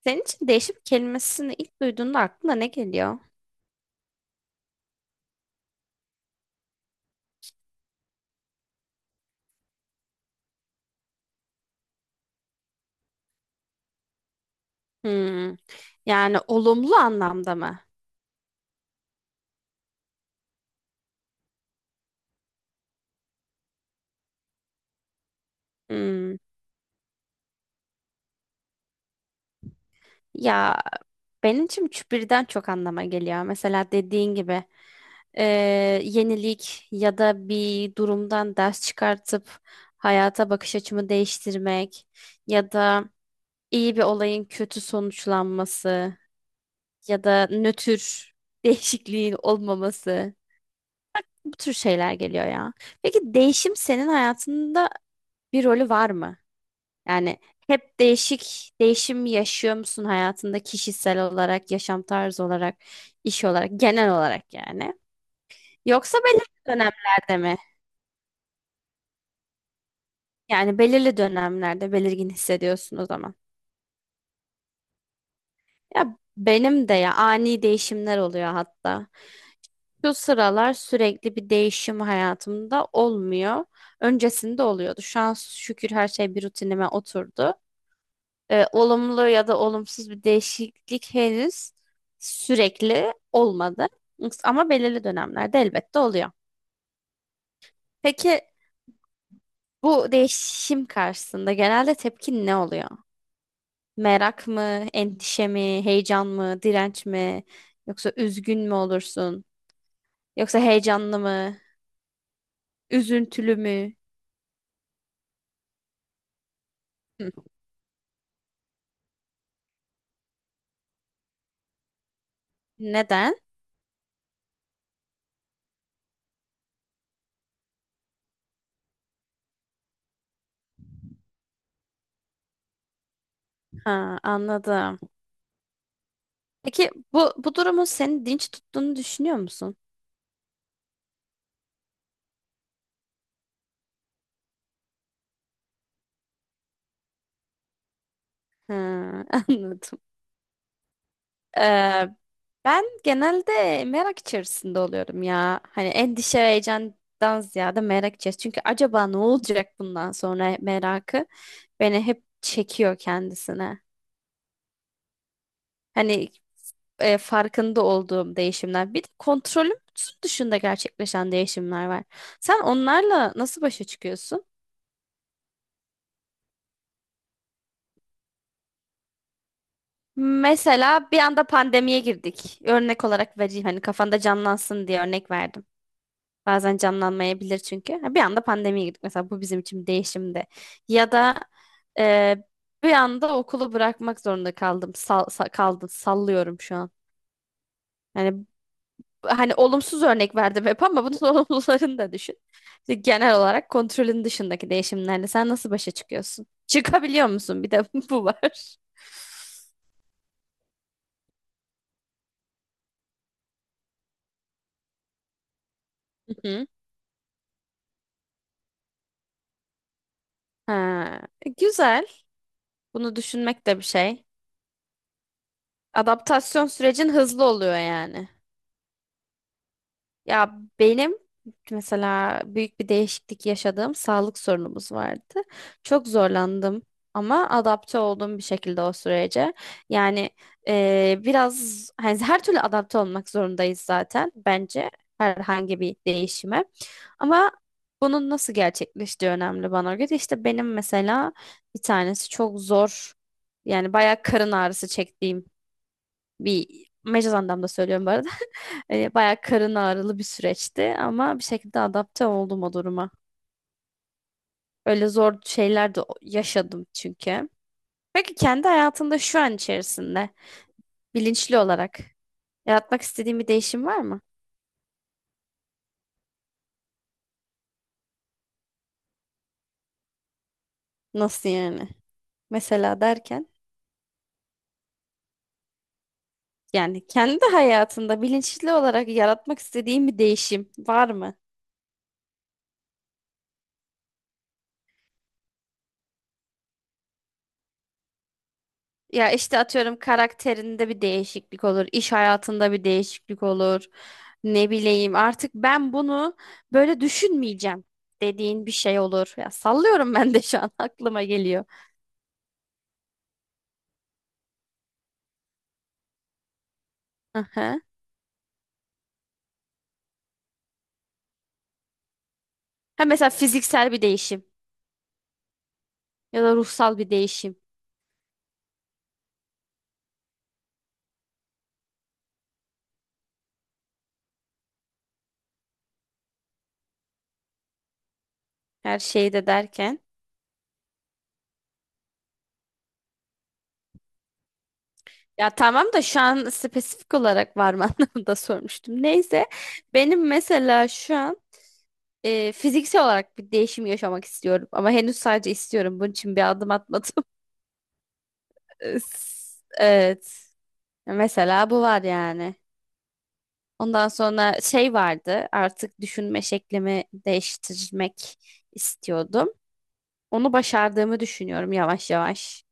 Senin için değişim kelimesini ilk duyduğunda aklına ne geliyor? Hmm. Yani olumlu anlamda mı? Hmm. Ya benim için üç birden çok anlama geliyor. Mesela dediğin gibi eee, yenilik ya da bir durumdan ders çıkartıp hayata bakış açımı değiştirmek ya da iyi bir olayın kötü sonuçlanması ya da nötr değişikliğin olmaması bu tür şeyler geliyor ya. Peki değişim senin hayatında bir rolü var mı? Yani hep değişim yaşıyor musun hayatında kişisel olarak, yaşam tarzı olarak, iş olarak, genel olarak yani? Yoksa belirli dönemlerde mi? Yani belirli dönemlerde belirgin hissediyorsun o zaman. Ya benim de ya ani değişimler oluyor hatta. Şu sıralar sürekli bir değişim hayatımda olmuyor. Öncesinde oluyordu. Şu an şükür her şey bir rutinime oturdu. Olumlu ya da olumsuz bir değişiklik henüz sürekli olmadı. Ama belirli dönemlerde elbette oluyor. Peki bu değişim karşısında genelde tepkin ne oluyor? Merak mı, endişe mi, heyecan mı, direnç mi? Yoksa üzgün mü olursun? Yoksa heyecanlı mı, üzüntülü mü? Hı. Neden? Ha, anladım. Peki bu durumun seni dinç tuttuğunu düşünüyor musun? Ha, anladım. Ee, Ben genelde merak içerisinde oluyorum ya. Hani endişe ve heyecandan ziyade merak içerisinde. Çünkü acaba ne olacak bundan sonra merakı beni hep çekiyor kendisine. Hani farkında olduğum değişimler. Bir de kontrolüm dışında gerçekleşen değişimler var. Sen onlarla nasıl başa çıkıyorsun? Mesela bir anda pandemiye girdik. Örnek olarak vereyim hani kafanda canlansın diye örnek verdim. Bazen canlanmayabilir çünkü. Ha, bir anda pandemiye girdik mesela, bu bizim için bir değişimdi. Ya da e, bir anda okulu bırakmak zorunda kaldım. Sallıyorum şu an. Yani hani olumsuz örnek verdim hep ama bunun olumlularını da düşün. İşte genel olarak kontrolün dışındaki değişimlerle sen nasıl başa çıkıyorsun? Çıkabiliyor musun? Bir de bu var. Hı hı. Ha, güzel. Bunu düşünmek de bir şey. Adaptasyon sürecin hızlı oluyor yani. Ya benim mesela büyük bir değişiklik yaşadığım sağlık sorunumuz vardı. Çok zorlandım ama adapte oldum bir şekilde o sürece. Yani biraz hani her türlü adapte olmak zorundayız zaten bence herhangi bir değişime. Ama bunun nasıl gerçekleştiği önemli bana göre. İşte benim mesela bir tanesi çok zor, yani bayağı karın ağrısı çektiğim, bir mecaz anlamda söylüyorum bu arada. Bayağı karın ağrılı bir süreçti ama bir şekilde adapte oldum o duruma. Öyle zor şeyler de yaşadım çünkü. Peki kendi hayatında şu an içerisinde bilinçli olarak yaratmak istediğin bir değişim var mı? Nasıl yani? Mesela derken, yani kendi hayatında bilinçli olarak yaratmak istediğin bir değişim var mı? Ya işte atıyorum karakterinde bir değişiklik olur, iş hayatında bir değişiklik olur. Ne bileyim artık ben bunu böyle düşünmeyeceğim dediğin bir şey olur. Ya sallıyorum ben de şu an aklıma geliyor. Aha. Ha mesela fiziksel bir değişim ya da ruhsal bir değişim, her şeyi de derken. Ya tamam da şu an spesifik olarak var mı anlamında sormuştum. Neyse, benim mesela şu an fiziksel olarak bir değişim yaşamak istiyorum ama henüz sadece istiyorum. Bunun için bir adım atmadım. Üf. Evet. Mesela bu var yani. Ondan sonra şey vardı. Artık düşünme şeklimi değiştirmek istiyordum. Onu başardığımı düşünüyorum yavaş yavaş.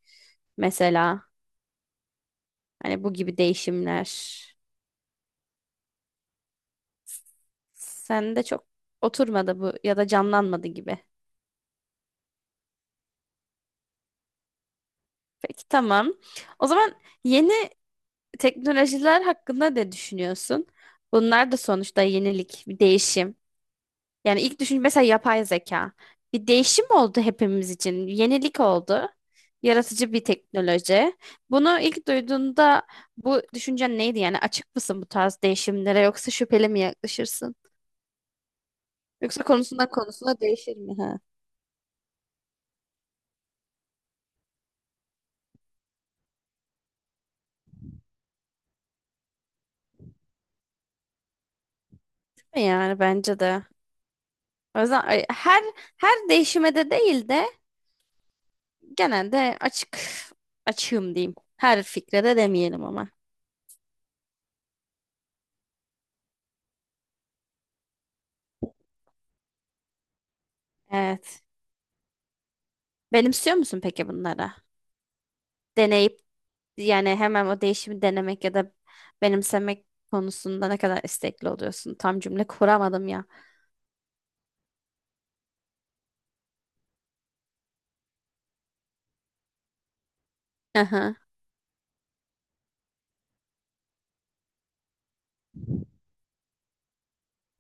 Mesela hani bu gibi değişimler. Sende çok oturmadı bu ya da canlanmadı gibi. Peki tamam. O zaman yeni teknolojiler hakkında ne düşünüyorsun? Bunlar da sonuçta yenilik, bir değişim. Yani ilk düşün mesela yapay zeka. Bir değişim oldu hepimiz için. Yenilik oldu. Yaratıcı bir teknoloji. Bunu ilk duyduğunda bu düşüncen neydi? Yani açık mısın bu tarz değişimlere, yoksa şüpheli mi yaklaşırsın? Yoksa konusundan konusuna değişir mi? Ha? Değil mi? Yani bence de. O yüzden her değişime de değil de genelde açığım diyeyim. Her fikre de demeyelim ama. Evet. Benimsiyor musun peki bunları? Deneyip, yani hemen o değişimi denemek ya da benimsemek konusunda ne kadar istekli oluyorsun? Tam cümle kuramadım ya. Aha,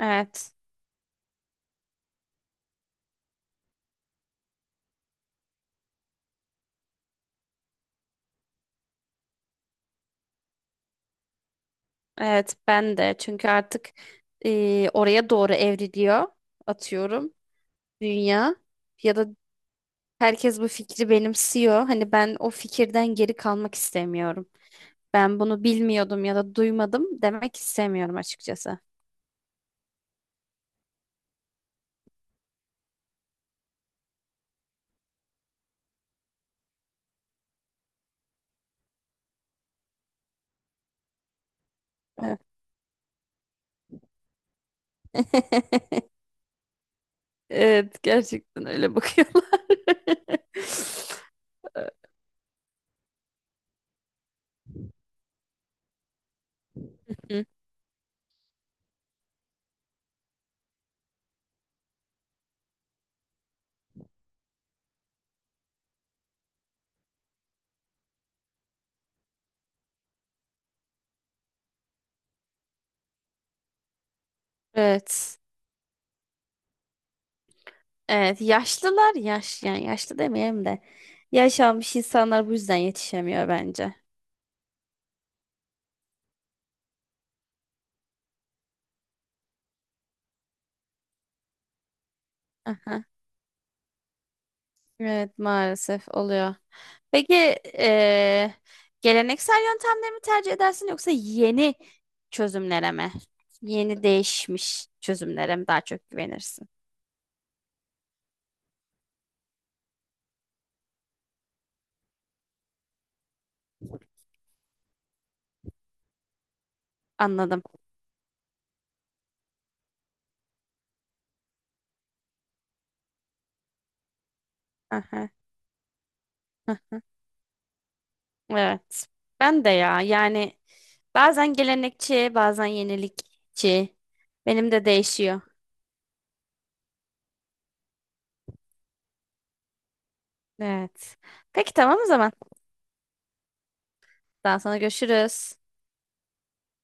evet. Evet ben de, çünkü artık oraya doğru evriliyor atıyorum dünya ya da herkes bu fikri benimsiyor. Hani ben o fikirden geri kalmak istemiyorum. Ben bunu bilmiyordum ya da duymadım demek istemiyorum açıkçası. Evet. Evet, gerçekten öyle bakıyorlar. Hı. Evet. Evet, yaşlılar, yani yaşlı demeyelim de yaş almış insanlar bu yüzden yetişemiyor bence. Evet, maalesef oluyor. Peki eee, geleneksel yöntemleri mi tercih edersin yoksa yeni çözümlere mi? Yeni değişmiş çözümlere mi daha çok güvenirsin? Anladım. Aha, aha. Evet. Ben de ya, yani bazen gelenekçi bazen yenilikçi. Benim de değişiyor. Evet. Peki tamam o zaman. Daha sonra görüşürüz.